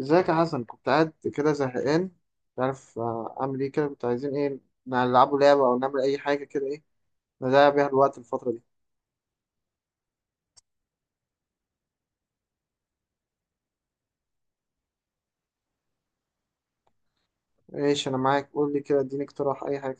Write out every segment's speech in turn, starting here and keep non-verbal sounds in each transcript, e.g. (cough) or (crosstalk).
ازيك يا حسن؟ كنت قاعد كده زهقان، مش عارف. اعمل ايه كده؟ كنت عايزين ايه نلعبوا لعبة او نعمل اي حاجة كده، ايه نضيع بيها الوقت الفترة دي. ايش، انا معاك، قول لي كده، اديني اقتراح اي حاجة.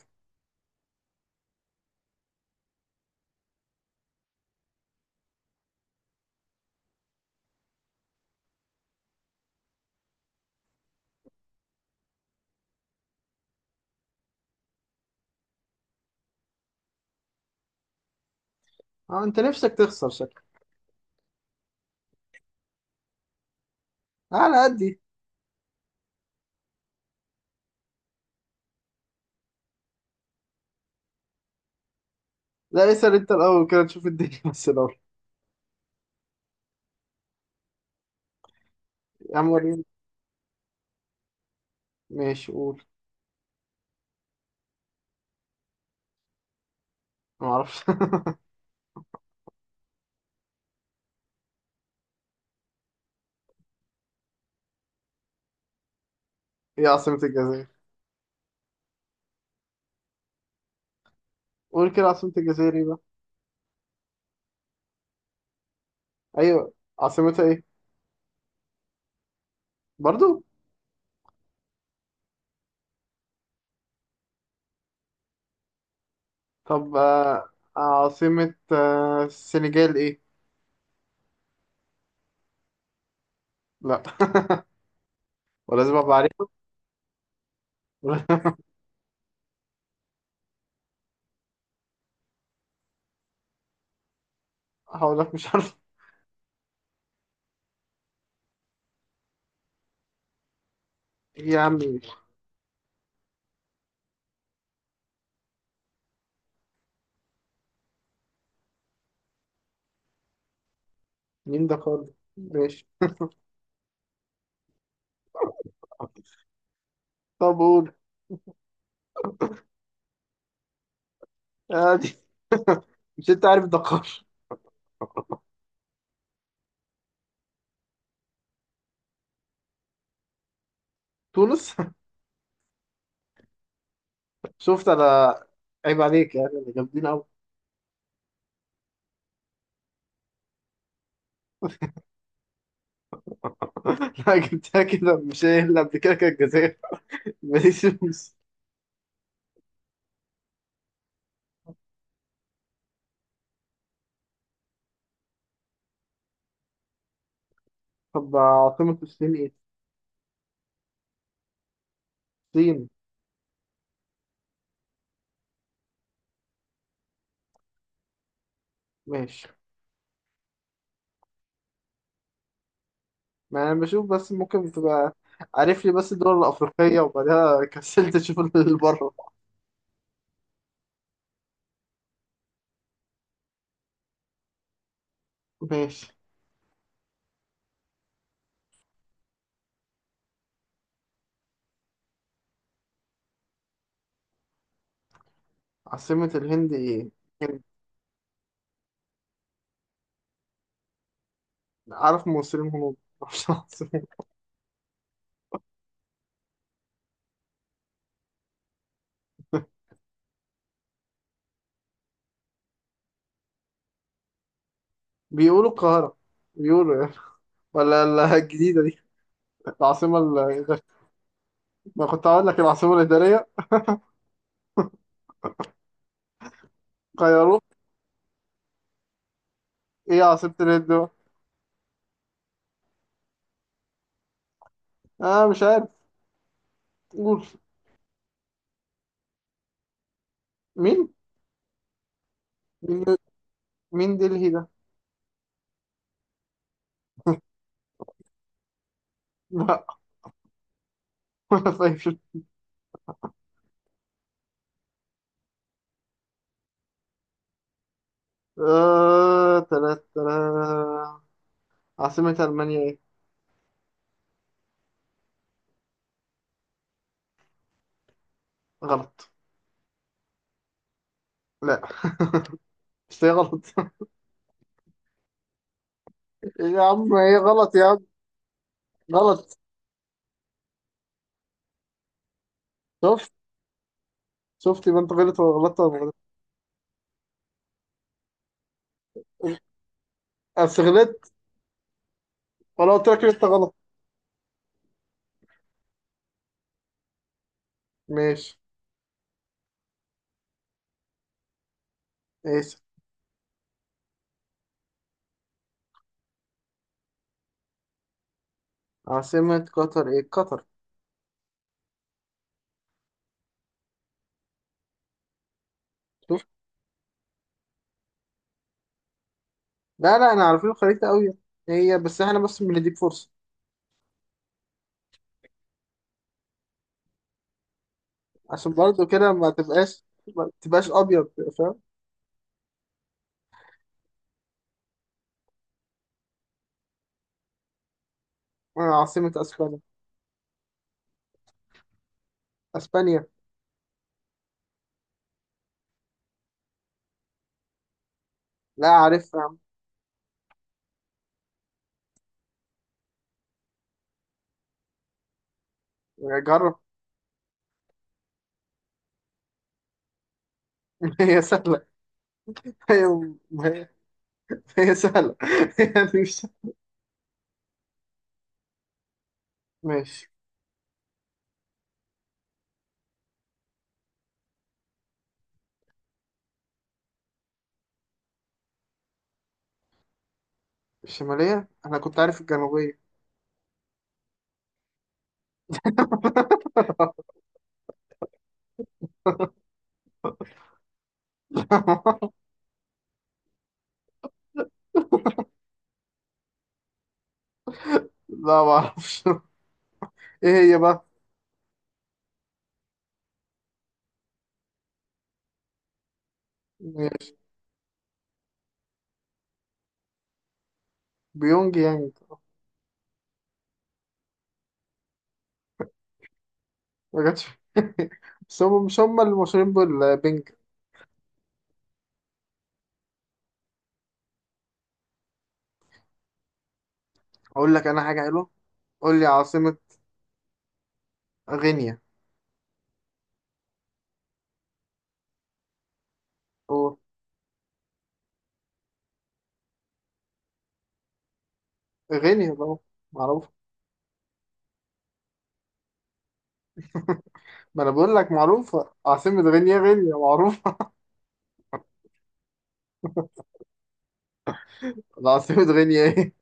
اه انت نفسك تخسر شكلك. على قدي. لا، اسأل انت الاول كده تشوف الدنيا (laughs) بس الاول. يا عم وريني. ماشي، قول. ما اعرفش. (laughs) ايه عاصمة الجزائر؟ قول كده عاصمة الجزائر ايه بقى؟ ايوه. عاصمتها ايه؟ برضو. طب عاصمة السنغال ايه؟ لا. (laughs) ولازم ابقى عارفها. (laughs) هقول لك مش عارف. إيه يا عمي؟ مين دكار؟ ماشي. طب قول. عادي. مش انت عارف دكار؟ تونس. (laughs) شفت انا. عيب عليك، يعني انا جامدين قوي. (laughs) لا، جبتها كده، مش هي اللي قبل كده كانت الجزائر. (laughs) ماليش فلوس. طب عاصمة الصين ايه؟ الصين. ماشي. ما انا بشوف بس ممكن تبقى عارف لي بس الدول الافريقية، وبعدها كسلت اشوف اللي بره. ماشي. عاصمة الهند ايه؟ عارف مصريين هنود (laughs) معرفش العاصمة. بيقولوا القاهرة، بيقولوا يعني. ولا الجديدة دي، العاصمة الإدارية. ما كنت هقول لك العاصمة الإدارية. غيروه. إيه عاصمة الهند بقى؟ أنا مش عارف. قول. مين؟ مين، مين دلهي ده؟ لا. (laughs) ولا فاكر. آه، تلات تلات. عاصمة ألمانيا إيه؟ غلط. لا، مش هي غلط. (laughs) يا عم إيه غلط يا عم. غلط. شفت؟ شفت يبقى أنت غلط؟ ولا غلطت ولا غلط. بس غلطت، ولا قلت لك إن أنت غلط. ماشي. ماشي. عاصمة قطر إيه؟ قطر. لا لا، احنا عارفين الخريطة قوي. هي بس احنا بس بنديك فرصة. عشان برضه كده ما تبقاش ابيض. فاهم؟ عاصمة اسبانيا. اسبانيا. لا عارفها يا عم. جرب. (laughs) هي سهلة. هي هي, هي سهلة، (laughs) يعني مش. ماشي. الشمالية؟ انا كنت عارف الجنوبية. (laughs) لا ما اعرفش. ايه هي بقى؟ ماشي. بيونج يانج. ما جاتش. (laughs) بس هم مش هم اللي مشهورين بالبنج؟ اقول لك انا حاجة حلوة. قول لي عاصمة غينيا. غينيا طبعا. معروف. ما انا بقول لك معروفة، عاصمة غينيا غينيا معروفة. (laughs) ده عاصمة غينيا ايه؟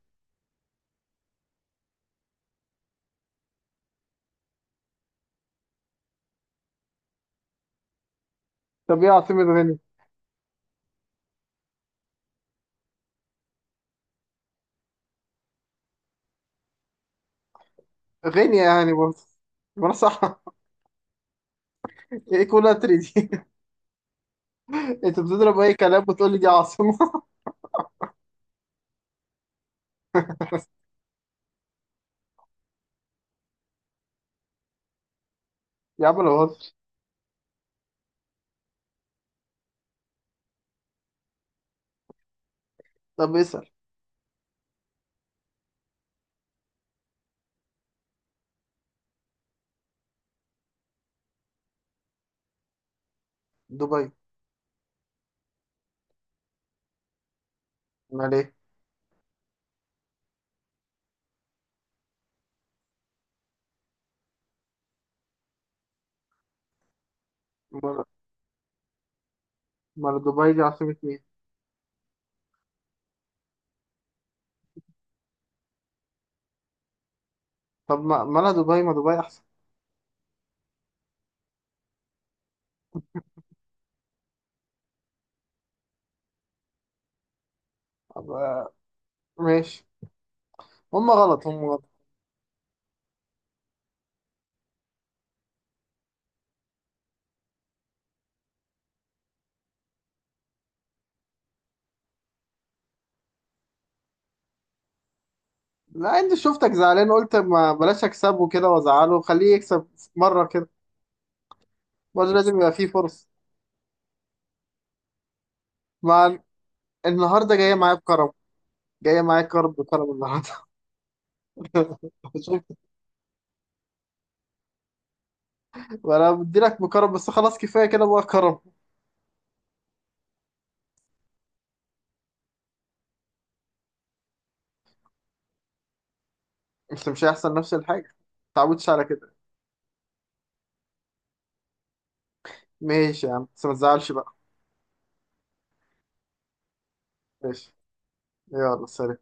طب ايه عاصمة غينيا؟ غينيا يعني برضه. ما انا صح. (laughs) ايه كولاتري دي؟ (laughs) انت بتضرب اي كلام وتقول لي دي عاصمة. (laughs) يا عم انا بهزر. طب اسأل. دبي. امال ايه؟ امال إيه؟ أمال دبي دي عاصمة مين؟ طب ما مالها دبي، ما دبي احسن. طب ماشي. هم غلط هم غلط. لا، انت شفتك زعلان، قلت ما بلاش اكسبه كده وازعله، خليه يكسب مرة كده. برضه لازم يبقى فيه فرصة. ما النهارده جايه معايا بكرم، جايه معايا كرم بكرم النهارده. (laughs) شوف. انا بدي لك بكرم بس خلاص، كفايه كده بقى كرم. انت مش هيحصل نفس الحاجه، ما تعودش على كده. ماشي يا عم بس ما تزعلش بقى. ماشي. يلا سلام.